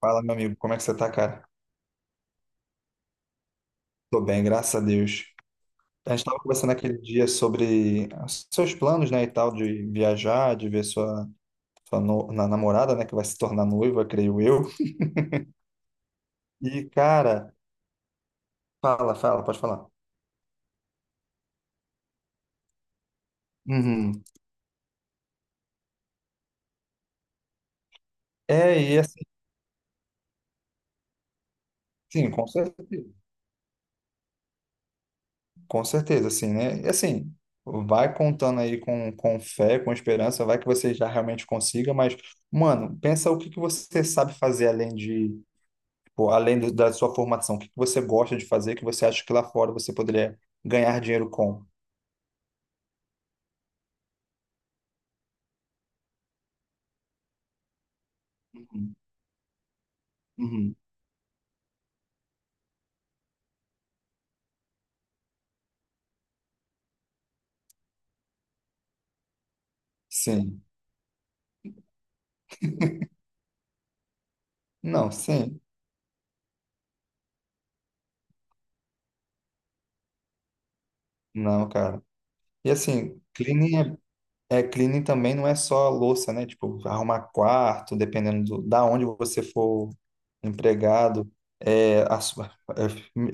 Fala, meu amigo, como é que você tá, cara? Tô bem, graças a Deus. A gente tava conversando aquele dia sobre os seus planos, né, e tal, de viajar, de ver sua, sua no- na namorada, né, que vai se tornar noiva, creio eu. E, cara, fala, pode falar. Uhum. É, e assim, sim, com certeza, assim, né? E assim, vai contando aí com fé, com esperança, vai que você já realmente consiga, mas, mano, pensa o que que você sabe fazer além de. Pô, além da sua formação, o que que você gosta de fazer que você acha que lá fora você poderia ganhar dinheiro com? Uhum. Uhum. Sim. Não, sim. Não, cara. E assim, cleaning é. É, cleaning também não é só louça, né? Tipo, arrumar quarto, dependendo da onde você for empregado. É, a su- é,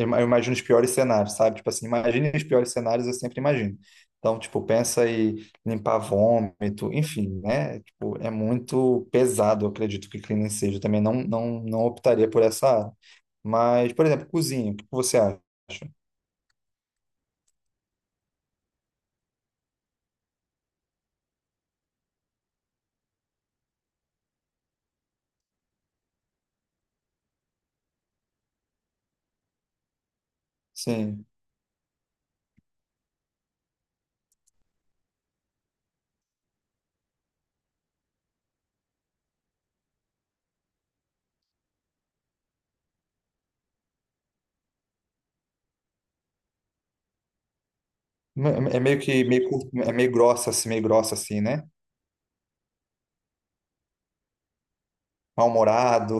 eu imagino os piores cenários, sabe? Tipo assim, imagine os piores cenários, eu sempre imagino. Então, tipo, pensa em limpar vômito, enfim, né? Tipo, é muito pesado, eu acredito que cleaning seja. Eu também não optaria por essa área. Mas, por exemplo, cozinha, o que você acha? Sim. É meio que meio, cur- é meio grossa, assim, né? Mal-humorado.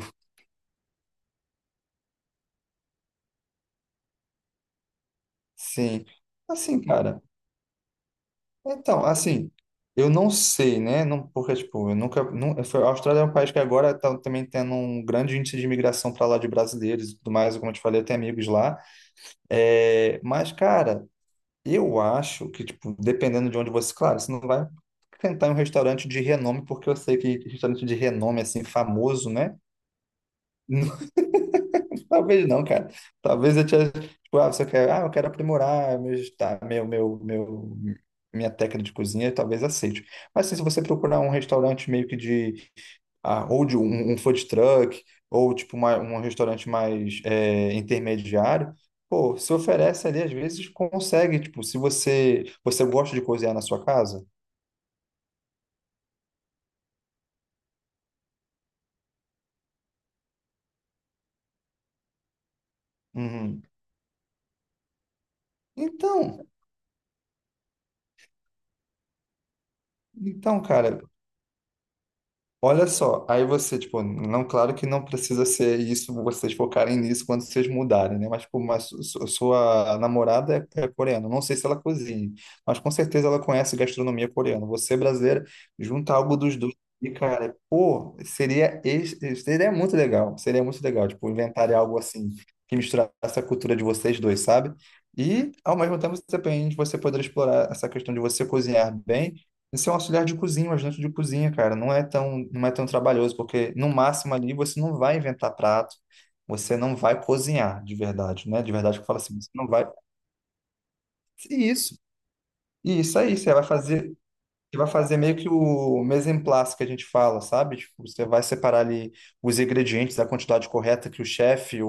Sim. Assim, cara. Então, assim, eu não sei, né? Não, porque, tipo, eu nunca. Não, foi- A Austrália é um país que agora tá também tendo um grande índice de imigração para lá de brasileiros e tudo mais, como eu te falei, eu tenho amigos lá. É, mas, cara, eu acho que, tipo, dependendo de onde você. Claro, você não vai tentar em um restaurante de renome, porque eu sei que restaurante de renome, assim, famoso, né? Talvez não, cara. Talvez eu tinha, tipo, ah, você quer, ah, eu quero aprimorar meus, tá, minha técnica de cozinha, talvez aceite. Mas assim, se você procurar um restaurante meio que de, ah, ou de um food truck, ou tipo um restaurante mais é, intermediário, pô, se oferece ali, às vezes consegue, tipo, se você, você gosta de cozinhar na sua casa. Uhum. Então, então, cara. Olha só, aí você, tipo, não, claro que não precisa ser isso, vocês focarem nisso quando vocês mudarem, né? Mas, tipo, mas sua namorada é, é coreana, não sei se ela cozinha, mas com certeza ela conhece gastronomia coreana. Você, brasileira, junta algo dos dois e, cara, pô, seria muito legal, seria muito legal, tipo, inventar algo assim, que misturasse a cultura de vocês dois, sabe? E, ao mesmo tempo, você também você poderia explorar essa questão de você cozinhar bem. Isso é um auxiliar de cozinha, um ajudante de cozinha, cara. Não é tão trabalhoso, porque no máximo ali você não vai inventar prato, você não vai cozinhar de verdade, né? De verdade que eu falo assim, você não vai. E Isso, e isso aí, você vai fazer meio que o mise en place que a gente fala, sabe? Tipo, você vai separar ali os ingredientes, a quantidade correta que o chefe, o,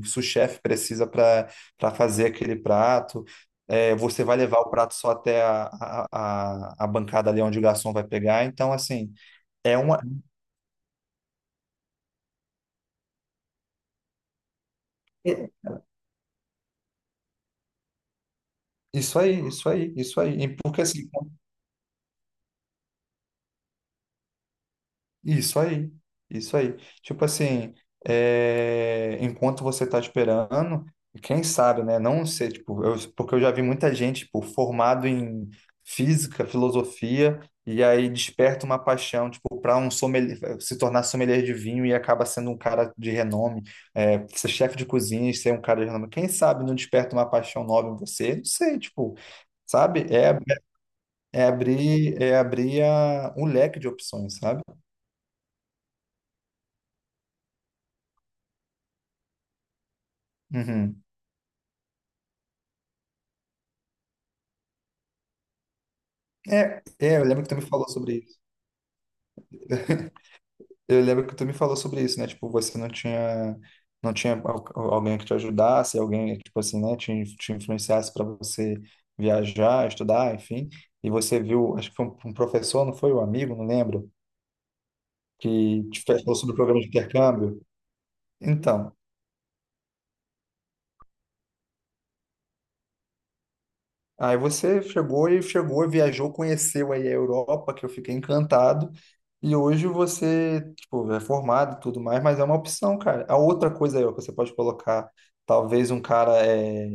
o sous-chefe precisa para fazer aquele prato. É, você vai levar o prato só até a bancada ali onde o garçom vai pegar. Então, assim. É uma. é-. Isso aí. E porque assim, isso aí, isso aí. Tipo assim, é, enquanto você tá esperando, quem sabe, né? Não sei, tipo, eu- porque eu já vi muita gente, tipo, formado em física, filosofia, e aí desperta uma paixão, tipo, para um sommelier, se tornar sommelier de vinho e acaba sendo um cara de renome, é, ser chefe de cozinha e ser um cara de renome. Quem sabe não desperta uma paixão nova em você? Não sei, tipo. Sabe? É, é abrir a, um leque de opções, sabe? Uhum. Eu lembro que tu me falou sobre isso. Eu lembro que tu me falou sobre isso, né? Tipo, você não tinha, alguém que te ajudasse, alguém, tipo assim, né? Te influenciasse para você viajar, estudar, enfim. E você viu, acho que foi um professor, não foi? Um amigo, não lembro, que te falou sobre o programa de intercâmbio. Então, Aí você chegou e chegou, viajou, conheceu aí a Europa, que eu fiquei encantado. E hoje você, tipo, é formado e tudo mais, mas é uma opção, cara. A outra coisa aí, ó, que você pode colocar, talvez um cara, é,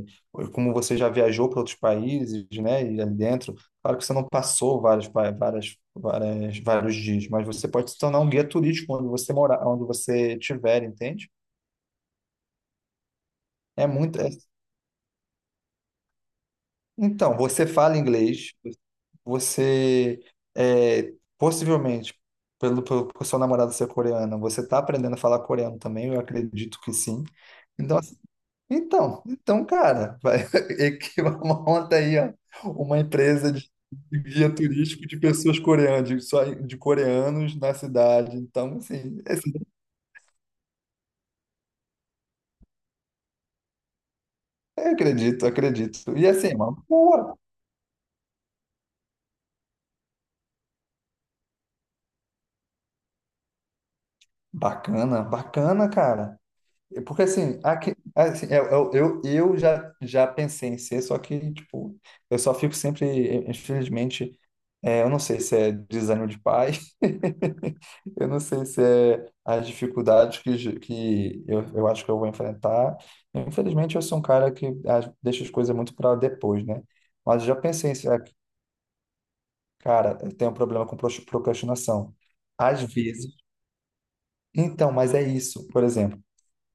como você já viajou para outros países, né, e ali dentro, claro que você não passou vários, pa- várias, várias, vários dias, mas você pode se tornar um guia turístico onde você morar, onde você estiver, entende? É muito. é-. Então, você fala inglês, você é, possivelmente, pelo, pelo por seu namorado ser coreano, você está aprendendo a falar coreano também, eu acredito que sim. Então, assim, então, cara, vai, e que monta aí, ó, uma empresa de guia turístico de pessoas coreanas, de, só, de coreanos na cidade. Então, assim, é assim, eu acredito. E assim, é uma boa, bacana, cara. Porque assim, aqui, assim, eu já pensei em ser, só que, tipo, eu só fico sempre, infelizmente, é, eu não sei se é desânimo de pai, eu não sei se é as dificuldades que, que eu acho que eu vou enfrentar. Infelizmente, eu sou um cara que ah, deixa as coisas muito para depois, né? Mas eu já pensei em ser, ah, cara, eu tenho um problema com procrastinação. Às vezes. Então, mas é isso, por exemplo.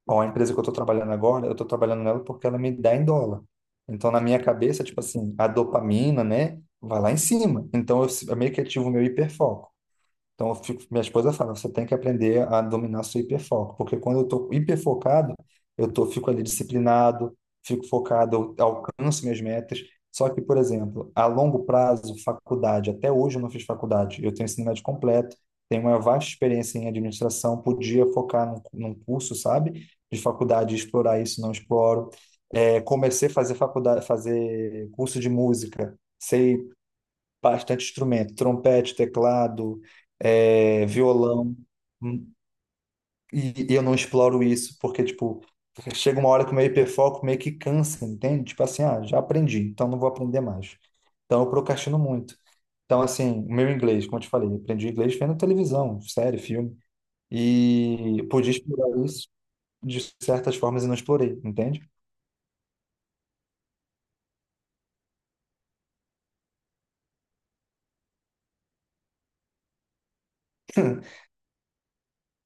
Bom, a empresa que eu estou trabalhando agora, eu estou trabalhando nela porque ela me dá em dólar. Então, na minha cabeça, tipo assim, a dopamina, né, vai lá em cima. Então, eu meio que ativo o meu hiperfoco. Então, eu fico- minha esposa fala, você tem que aprender a dominar seu hiperfoco, porque quando eu estou hiperfocado, fico ali disciplinado, fico focado, eu alcanço minhas metas. Só que, por exemplo, a longo prazo, faculdade, até hoje eu não fiz faculdade, eu tenho ensino médio completo, tenho uma vasta experiência em administração, podia focar num curso, sabe, de faculdade, explorar isso, não exploro. É, comecei a fazer faculdade, fazer curso de música, sei bastante instrumento, trompete, teclado, é, violão, hum, e eu não exploro isso, porque, tipo, chega uma hora que o meu hiperfoco meio que cansa, entende? Tipo assim, ah, já aprendi, então não vou aprender mais. Então eu procrastino muito. Então, assim, o meu inglês, como eu te falei, eu aprendi inglês vendo televisão, série, filme, e podia explorar isso de certas formas e não explorei, entende?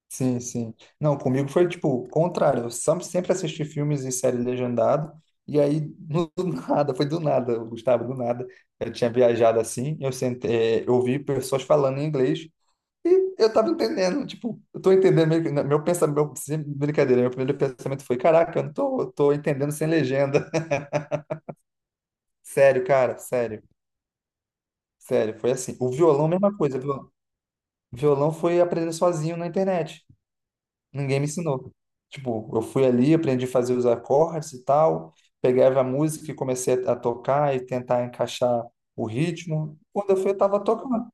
Sim. Não, comigo foi tipo o contrário. Eu sempre assisti filmes e séries legendado, e aí do nada, foi do nada, Gustavo, do nada. Eu tinha viajado assim, eu sentei, é, eu ouvi pessoas falando em inglês e eu tava entendendo, tipo, eu tô entendendo meio que- né, meu pensamento, meu, sem brincadeira, meu primeiro pensamento foi, caraca, eu tô entendendo sem legenda. Sério, cara, foi assim. O violão, mesma coisa, violão foi aprender sozinho na internet. Ninguém me ensinou. Tipo, eu fui ali, aprendi a fazer os acordes e tal, pegava a música e comecei a tocar e tentar encaixar o ritmo. Quando eu fui, eu tava tocando.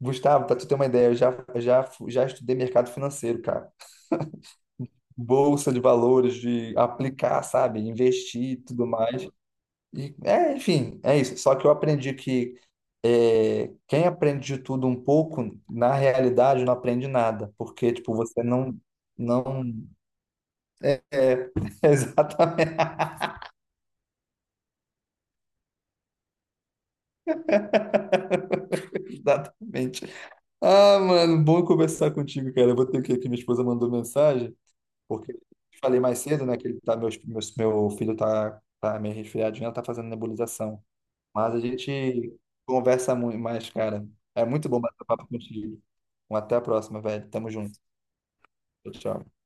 Gustavo, para tu ter uma ideia, eu já estudei mercado financeiro, cara. Bolsa de valores, de aplicar, sabe? Investir e tudo mais. E, é, enfim, é isso. Só que eu aprendi que é, quem aprende de tudo um pouco, na realidade, não aprende nada. Porque, tipo, você não, não. É, exatamente. Exatamente. Ah, mano, bom conversar contigo, cara. Eu vou ter que ir aqui, minha esposa mandou mensagem, porque falei mais cedo, né, que ele tá, meu filho tá, tá meio resfriadinho, ela tá fazendo nebulização. Mas a gente conversa muito mais, cara. É muito bom bater papo contigo. Até a próxima, velho. Tamo junto. Tchau, tchau.